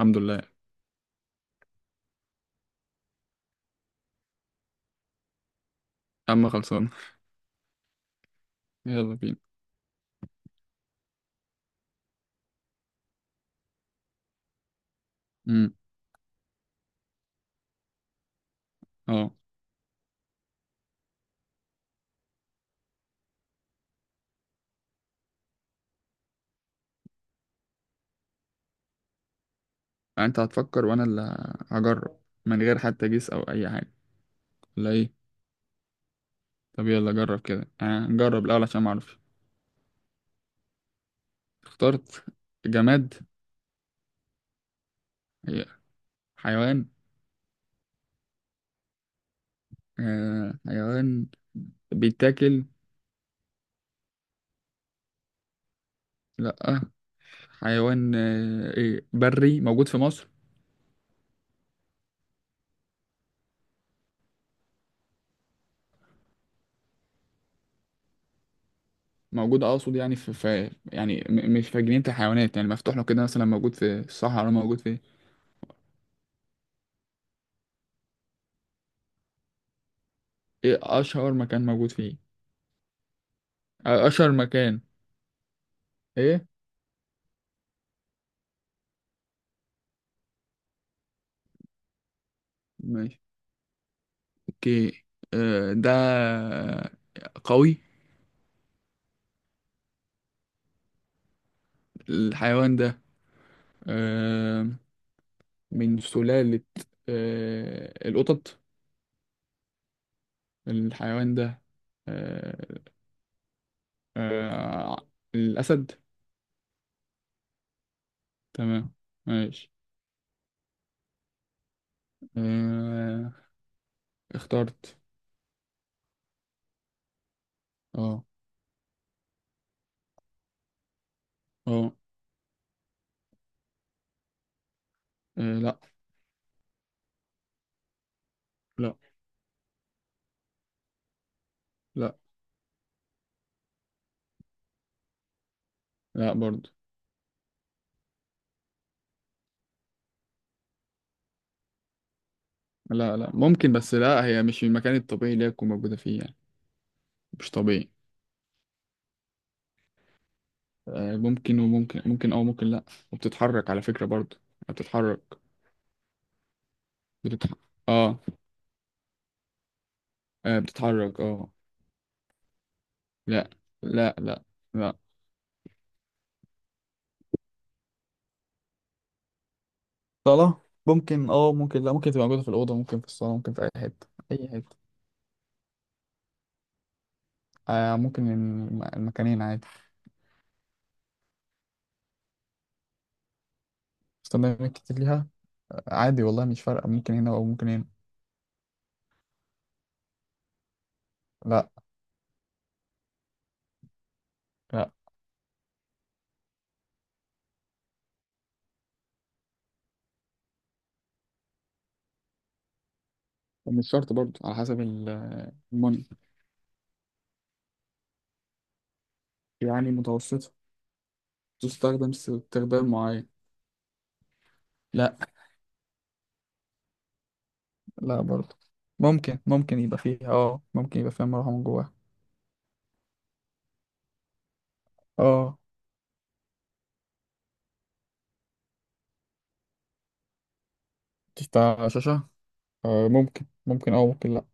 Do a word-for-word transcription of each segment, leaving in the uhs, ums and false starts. الحمد لله يا عم خلصان. يلا بينا. امم. اه، انت هتفكر وانا اللي هجرب من غير حتى جيس او اي حاجه ولا ايه؟ طب يلا جرب كده، آه، نجرب الاول عشان ما اعرفش. اخترت. جماد؟ هي حيوان؟ آه حيوان بيتاكل؟ لا. حيوان آه ايه بري موجود في مصر؟ موجود، اقصد يعني في, في، يعني م- مش في جنينة الحيوانات، يعني مفتوح له كده مثلا، موجود في الصحراء موجود في. ايه اشهر مكان موجود فيه؟ آه، اشهر مكان. ايه؟ ماشي. اوكي. آه، ده قوي. الحيوان ده آه، من سلالة آه، القطط. الحيوان ده آه، آه، الأسد. تمام. ماشي. آه، اخترت. اه. اه. آه، لا لا لا لا برضو. لا. لا، ممكن بس لا، هي مش في المكان الطبيعي اللي هي تكون موجودة فيه يعني. مش طبيعي. آه، ممكن وممكن، ممكن او ممكن لا. وبتتحرك على فكرة برضو. بتتحرك. بتتح... اه. آه، بتتحرك اه. لا لا. لا لا. صالة ممكن، اه ممكن لا، ممكن تبقى موجودة في الأوضة، ممكن في الصالة، ممكن في أي حتة أي حتة. آه ممكن الم- المكانين عادي. استخدامات كتير ليها. آه، عادي والله، مش فارقة، ممكن هنا أو ممكن هنا. لا. لا. ومش شرط برضو، على حسب ال- المن، يعني متوسطة، تستخدم استخدام معين. لا. لا برضو. ممكن، ممكن يبقى فيها اه، ممكن يبقى فيها مروحة من جواها. اه. بتفتح شاشة؟ آه ممكن، ممكن اه ممكن لا.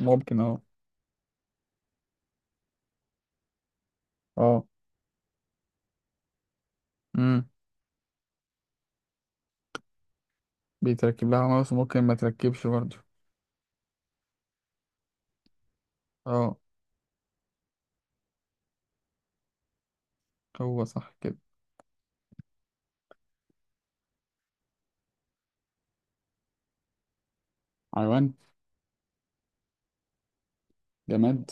ممكن اه. اه. امم بيتركب لها ماوس وممكن ما تركبش برضه. اه. هو صح كده؟ حيوان؟ جماد؟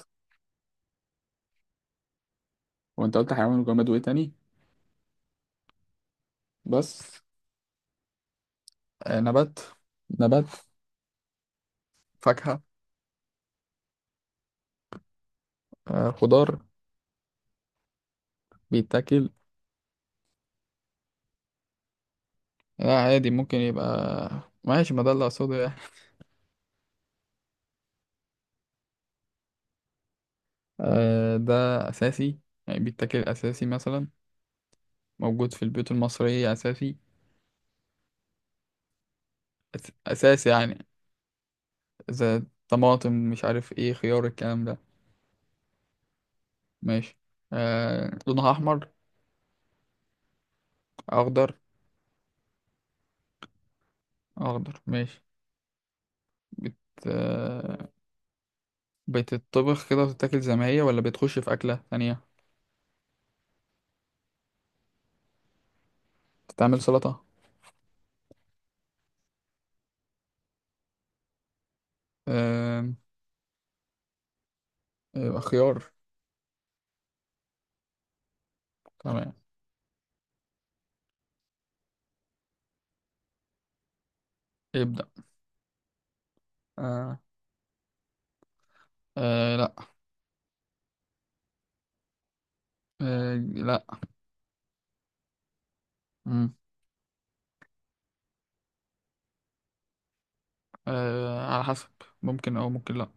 وانت قلت حيوان وجماد وايه تاني؟ بس. آه نبات. نبات. فاكهة؟ آه خضار. بيتاكل؟ لا عادي، ممكن يبقى. ماشي، ما ده اللي اقصده يعني. آه ده اساسي. يعني بيتاكل اساسي مثلا. موجود في البيوت المصرية أساسي. أس- اساس، يعني اذا طماطم، مش عارف ايه، خيار، الكلام ده. ماشي. آه لونها احمر؟ اخضر؟ اخضر ماشي. بت آه بتطبخ كده وتتاكل زي ما هي ولا بتخش في اكله ثانيه؟ بتتعمل سلطه. آه. آه، خيار. تمام. ابدا. آه. آه لا. آه لا. مم. آه على حسب. ممكن او ممكن لا.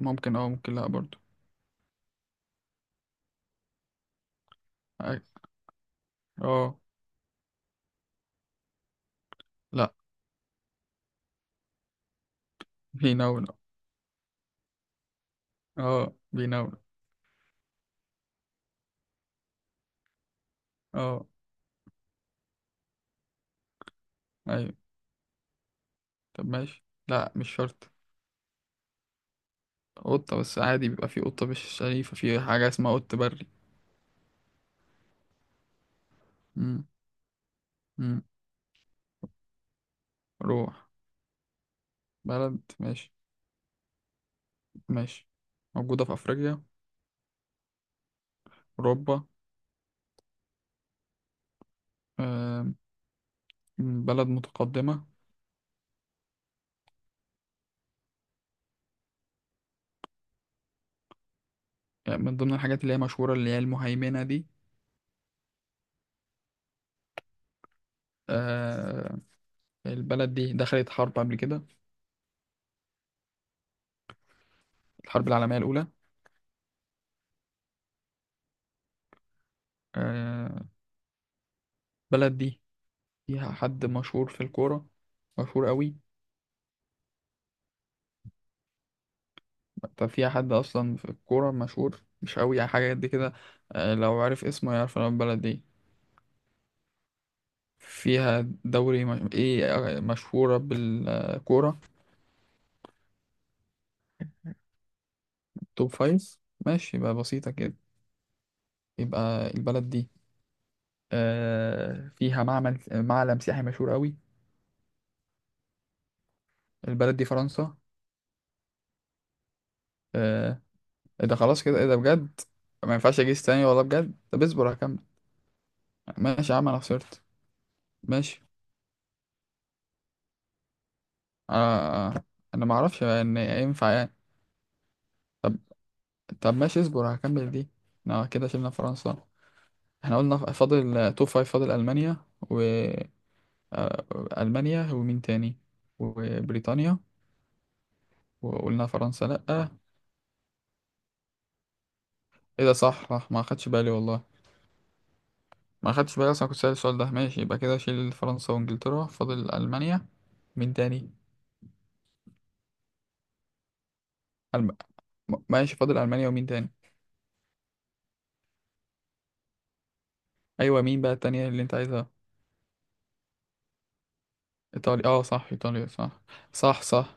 ممكن او ممكن لا برضو. اه. آه، لا. بيناول. اه بيناول. اه. ايوه. طب ماشي، لا مش شرط. قطة، بس عادي بيبقى في قطة مش شريفة، في حاجة اسمها قط بري. مم. مم. روح. بلد ماشي. ماشي. موجودة في أفريقيا؟ أوروبا؟ آم، بلد متقدمة؟ يعني من ضمن الحاجات اللي هي مشهورة اللي هي المهيمنة دي. آه، البلد دي دخلت حرب قبل كده؟ الحرب العالمية الأولى؟ آه، البلد دي فيها حد مشهور في الكورة؟ مشهور قوي؟ طب في حد اصلا في الكوره مشهور مش قوي يعني، حاجه قد كده؟ آه، لو عارف اسمه يعرف إن هو من البلد دي. فيها دوري م... ايه. آه، مشهوره بالكوره. توب فايف؟ ماشي، يبقى بسيطه كده. يبقى البلد دي آه، فيها معمل معلم سياحي مشهور قوي. البلد دي فرنسا؟ آه، إيه ده، خلاص كده؟ ايه ده بجد. ما ينفعش اجيس تاني والله بجد، طب اصبر هكمل. ماشي يا عم، انا خسرت. ماشي. آه، انا ما اعرفش ان ينفع يعني. طب. طب ماشي، اصبر هكمل دي. اه كده شلنا فرنسا. احنا قلنا فاضل توب فايف، فاضل ألمانيا و آه، ألمانيا ومين تاني؟ وبريطانيا. وقلنا فرنسا لأ. ايه ده، صح صح، ما خدش بالي والله. ما خدش بالي اصلا، كنت سأل السؤال ده. ماشي يبقى كده، شيل فرنسا وانجلترا، فاضل ألمانيا. مين تاني؟ ألم... م- ماشي، فاضل ألمانيا ومين تاني؟ ايوه، مين بقى التانية اللي انت عايزها؟ ايطاليا، اه صح، ايطاليا صح. صح صح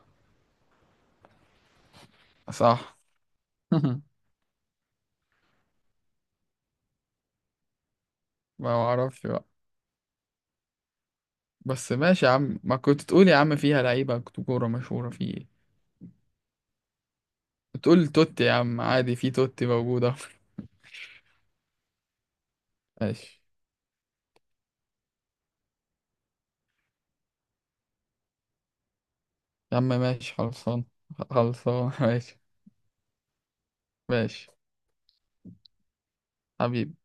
صح. ما اعرفش. بس ماشي يا عم، ما كنت تقول يا عم فيها لعيبة كورة مشهورة في ايه. تقول توتي يا عم عادي، في توتي موجودة. ماشي يا عم. ماشي خلصان. خلصان. ماشي. ماشي. حبيبي.